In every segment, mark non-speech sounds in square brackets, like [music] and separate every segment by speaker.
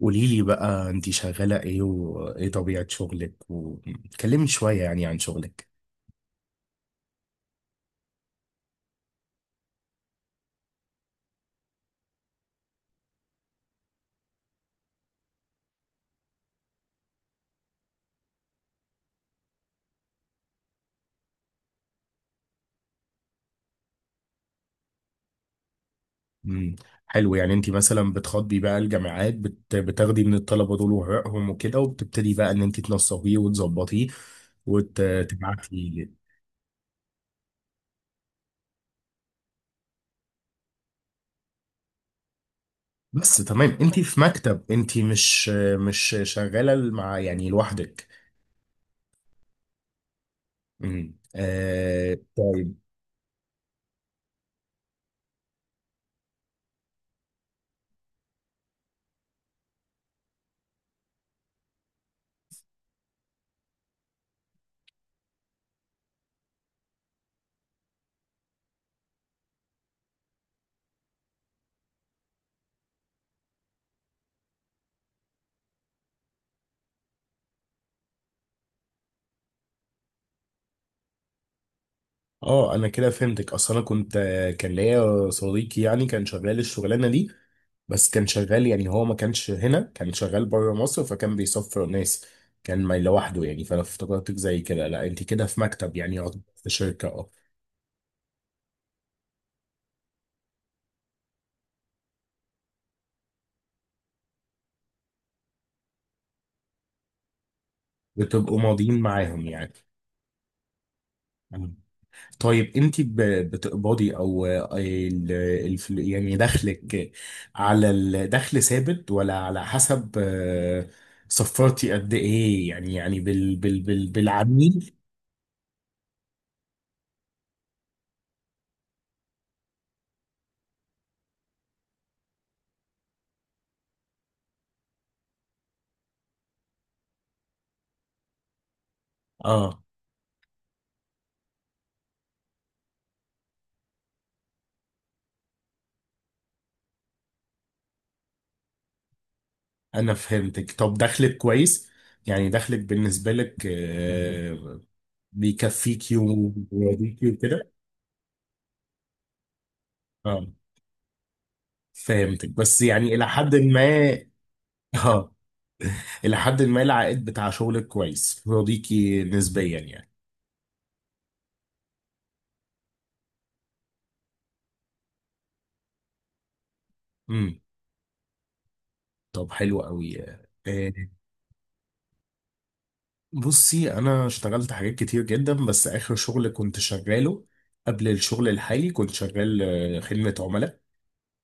Speaker 1: قولي لي بقى، انت شغالة ايه وايه طبيعة شغلك؟ وكلمني شوية يعني عن شغلك. امم. حلو. يعني انت مثلا بتخاطبي بقى الجامعات، بتاخدي من الطلبة دول ورقهم وكده، وبتبتدي بقى ان انت تنسقيه وتظبطيه وتبعتي. بس تمام. انت في مكتب، انت مش شغالة مع يعني لوحدك؟ امم، طيب. اه، انا كده فهمتك. اصلا انا كنت كان ليا صديقي يعني كان شغال الشغلانة دي، بس كان شغال يعني هو ما كانش هنا، كان شغال بره مصر، فكان بيسفر ناس، كان ما لوحده يعني. فانا افتكرتك زي كده، لا انت كده في مكتب يعني يعتبر في شركه. اه. بتبقوا ماضيين معاهم يعني. مم. طيب، انت بتقبضي او يعني دخلك، على الدخل ثابت ولا على حسب صفرتي قد ايه؟ يعني بالعميل. اه، انا فهمتك. طب دخلك كويس؟ يعني دخلك بالنسبة لك بيكفيكي ويرضيكي وكده؟ اه، فهمتك. بس يعني الى حد ما. [laughs] اه، الى حد ما العائد بتاع شغلك كويس يرضيكي نسبيا يعني. امم. طب حلو قوي. آه، بصي، انا اشتغلت حاجات كتير جدا. بس اخر شغل كنت شغاله قبل الشغل الحالي كنت شغال خدمة عملاء.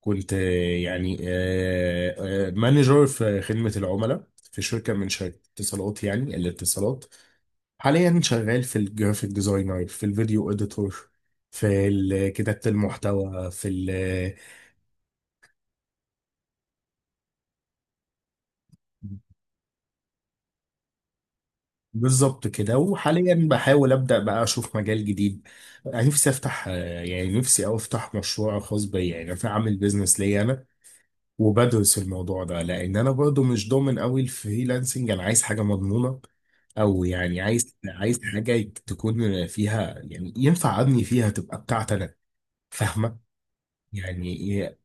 Speaker 1: كنت يعني مانجر في خدمة العملاء في شركة من شركات اتصالات، يعني الاتصالات. حاليا شغال في الجرافيك ديزاينر، في الفيديو اديتور، في كتابة المحتوى، في بالظبط كده. وحاليا بحاول أبدأ بقى أشوف مجال جديد. نفسي أفتح يعني نفسي أو أفتح مشروع خاص بيا، يعني أعمل بيزنس ليا أنا. وبدرس الموضوع ده لان انا برضو مش ضامن قوي الفريلانسنج، انا عايز حاجه مضمونه. او يعني عايز حاجه تكون فيها يعني ينفع ابني فيها، تبقى بتاعتي انا. فاهمه؟ يعني إيه؟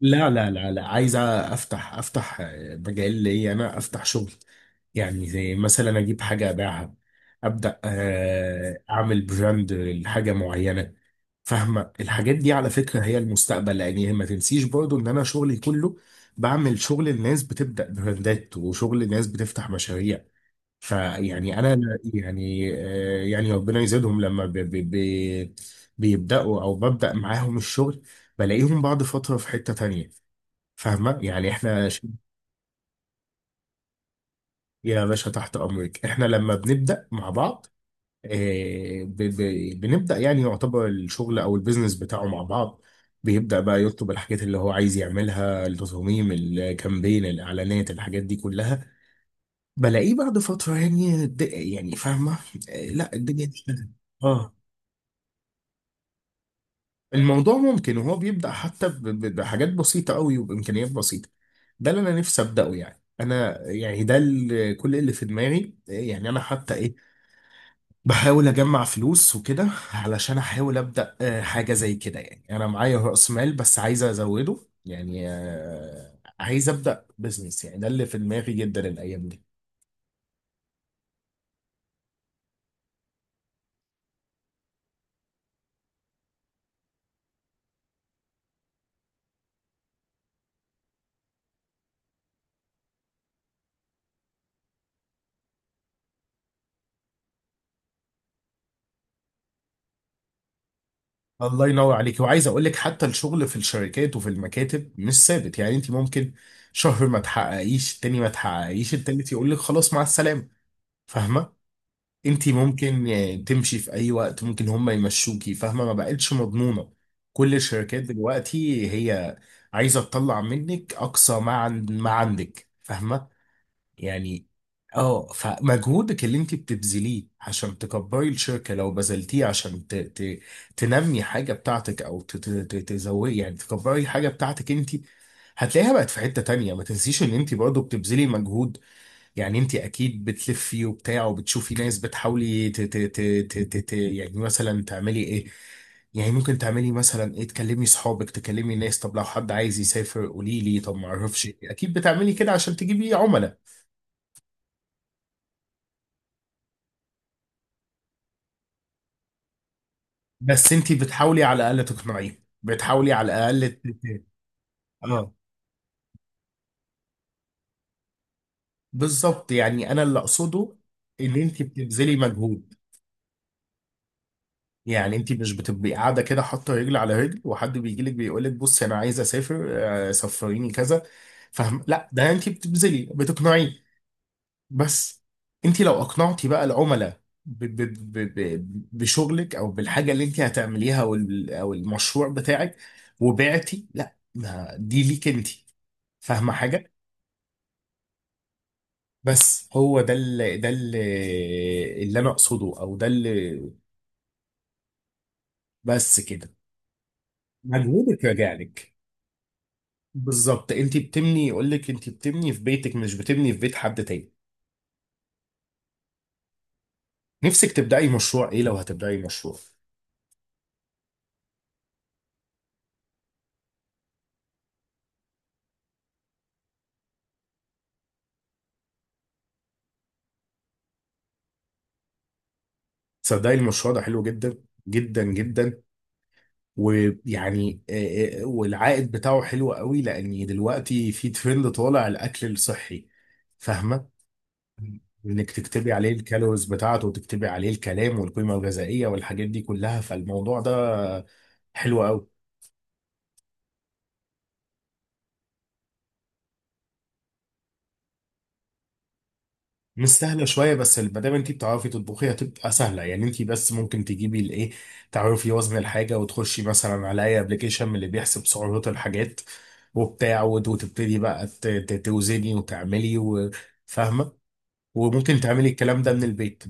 Speaker 1: لا، لا، لا، لا، عايز افتح مجال لي انا، افتح شغل. يعني زي مثلا اجيب حاجه ابيعها، ابدا اعمل براند لحاجه معينه. فاهمه، الحاجات دي على فكره هي المستقبل، لان هي ما تنسيش برضو ان انا شغلي كله بعمل شغل الناس بتبدا براندات وشغل الناس بتفتح مشاريع. فيعني انا يعني يعني ربنا يزيدهم لما بي بي بي بيبداوا او ببدا معاهم الشغل، بلاقيهم بعد فتره في حته تانية. فاهمة؟ يعني احنا يا باشا تحت امرك. احنا لما بنبدأ مع بعض بنبدأ، يعني يعتبر الشغل او البيزنس بتاعه مع بعض بيبدأ بقى يطلب الحاجات اللي هو عايز يعملها، التصاميم، الكامبين، الاعلانات، الحاجات دي كلها. بلاقيه بعد فترة يعني يعني. فاهمة؟ لا، الدنيا اشتغلت. اه، الموضوع ممكن. وهو بيبدأ حتى بحاجات بسيطة قوي وبإمكانيات بسيطة. ده اللي أنا نفسي أبدأه، يعني أنا يعني ده كل اللي في دماغي. يعني أنا حتى إيه، بحاول أجمع فلوس وكده علشان أحاول أبدأ حاجة زي كده. يعني أنا معايا رأس مال بس عايز أزوده. يعني عايز أبدأ بزنس يعني، ده اللي في دماغي جدا الأيام دي. الله ينور عليك. وعايز اقول لك، حتى الشغل في الشركات وفي المكاتب مش ثابت. يعني انت ممكن شهر ما تحققيش، التاني ما تحققيش، التالت يقول لك خلاص مع السلامه. فاهمه؟ انت ممكن تمشي في اي وقت، ممكن هم يمشوكي. فاهمه؟ ما بقتش مضمونه. كل الشركات دلوقتي هي عايزه تطلع منك اقصى ما عن ما عندك. فاهمه؟ يعني. اه. فمجهودك اللي انت بتبذليه عشان تكبري الشركة، لو بذلتيه عشان تنمي حاجة بتاعتك، او تزودي يعني تكبري حاجة بتاعتك انت، هتلاقيها بقت في حتة تانية. ما تنسيش ان انت برضه بتبذلي مجهود، يعني انت اكيد بتلفي وبتاع وبتشوفي ناس، بتحاولي يعني مثلا تعملي ايه، يعني ممكن تعملي مثلا ايه، تكلمي صحابك، تكلمي ناس، طب لو حد عايز يسافر قولي لي، طب ما اعرفش إيه. اكيد بتعملي كده عشان تجيبي عملاء. بس انت بتحاولي على الاقل تقنعيه، بتحاولي على الاقل اه بالظبط، يعني انا اللي اقصده. ان انت بتبذلي مجهود. يعني انت مش بتبقي قاعده كده حاطه رجل على رجل، وحد بيجي لك بيقول لك بصي انا عايز اسافر سفريني كذا. فاهم؟ لا، ده انت بتبذلي، بتقنعيه. بس. انت لو اقنعتي بقى العملاء بشغلك او بالحاجه اللي انت هتعمليها، او أو المشروع بتاعك، وبعتي، لا، ما دي ليك انت. فاهمه؟ حاجه. بس هو ده، اللي انا اقصده، او ده اللي. بس كده. مجهودك راجع لك. بالظبط، انت بتبني، يقول لك انت بتبني في بيتك مش بتبني في بيت حد تاني. نفسك تبداي مشروع ايه لو هتبداي مشروع؟ صدقي، المشروع ده حلو جدا جدا جدا. ويعني والعائد بتاعه حلو قوي، لان دلوقتي في ترند طالع الاكل الصحي. فاهمه؟ انك تكتبي عليه الكالوريز بتاعته، وتكتبي عليه الكلام والقيمه الغذائيه والحاجات دي كلها، فالموضوع ده حلو قوي. مش سهله شويه، بس ما دام انت بتعرفي تطبخي هتبقى سهله. يعني انت بس ممكن تجيبي الايه، تعرفي وزن الحاجه وتخشي مثلا على اي ابلكيشن من اللي بيحسب سعرات الحاجات وبتاع، وتبتدي بقى توزني وتعملي فاهمه؟ وممكن تعملي الكلام ده من البيت.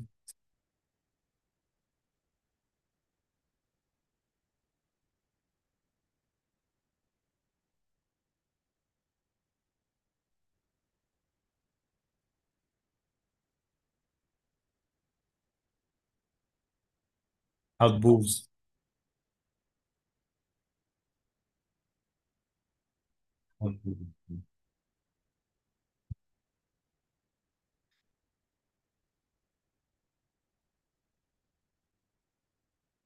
Speaker 1: هتبوظ. هتبوظ.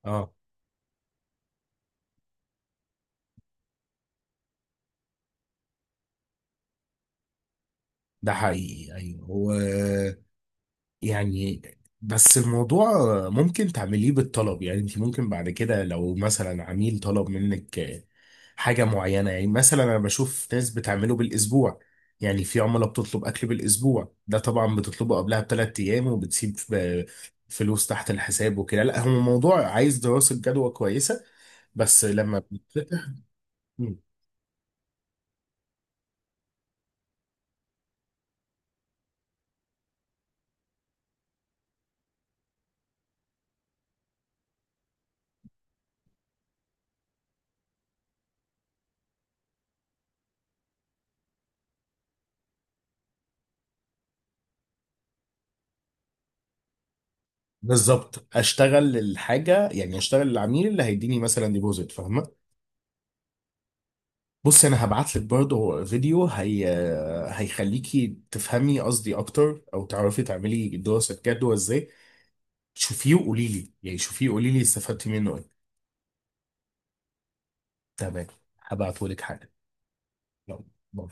Speaker 1: اه، ده حقيقي. ايوه هو يعني. بس الموضوع ممكن تعمليه بالطلب، يعني انت ممكن بعد كده لو مثلا عميل طلب منك حاجة معينة، يعني مثلا انا بشوف ناس بتعمله بالاسبوع. يعني في عملاء بتطلب اكل بالاسبوع، ده طبعا بتطلبه قبلها ب3 ايام وبتسيب فلوس تحت الحساب وكده. لا هو موضوع عايز دراسة جدوى كويسة. بس لما بالظبط، اشتغل الحاجة، يعني اشتغل العميل اللي هيديني مثلا ديبوزيت. فاهمة؟ بص، انا هبعت لك برضه فيديو، هي هيخليكي تفهمي قصدي اكتر او تعرفي تعملي دراسة جدوى ازاي. شوفيه وقولي لي، يعني شوفيه وقولي لي استفدتي منه ايه. تمام. هبعته لك حالا. يلا، باي.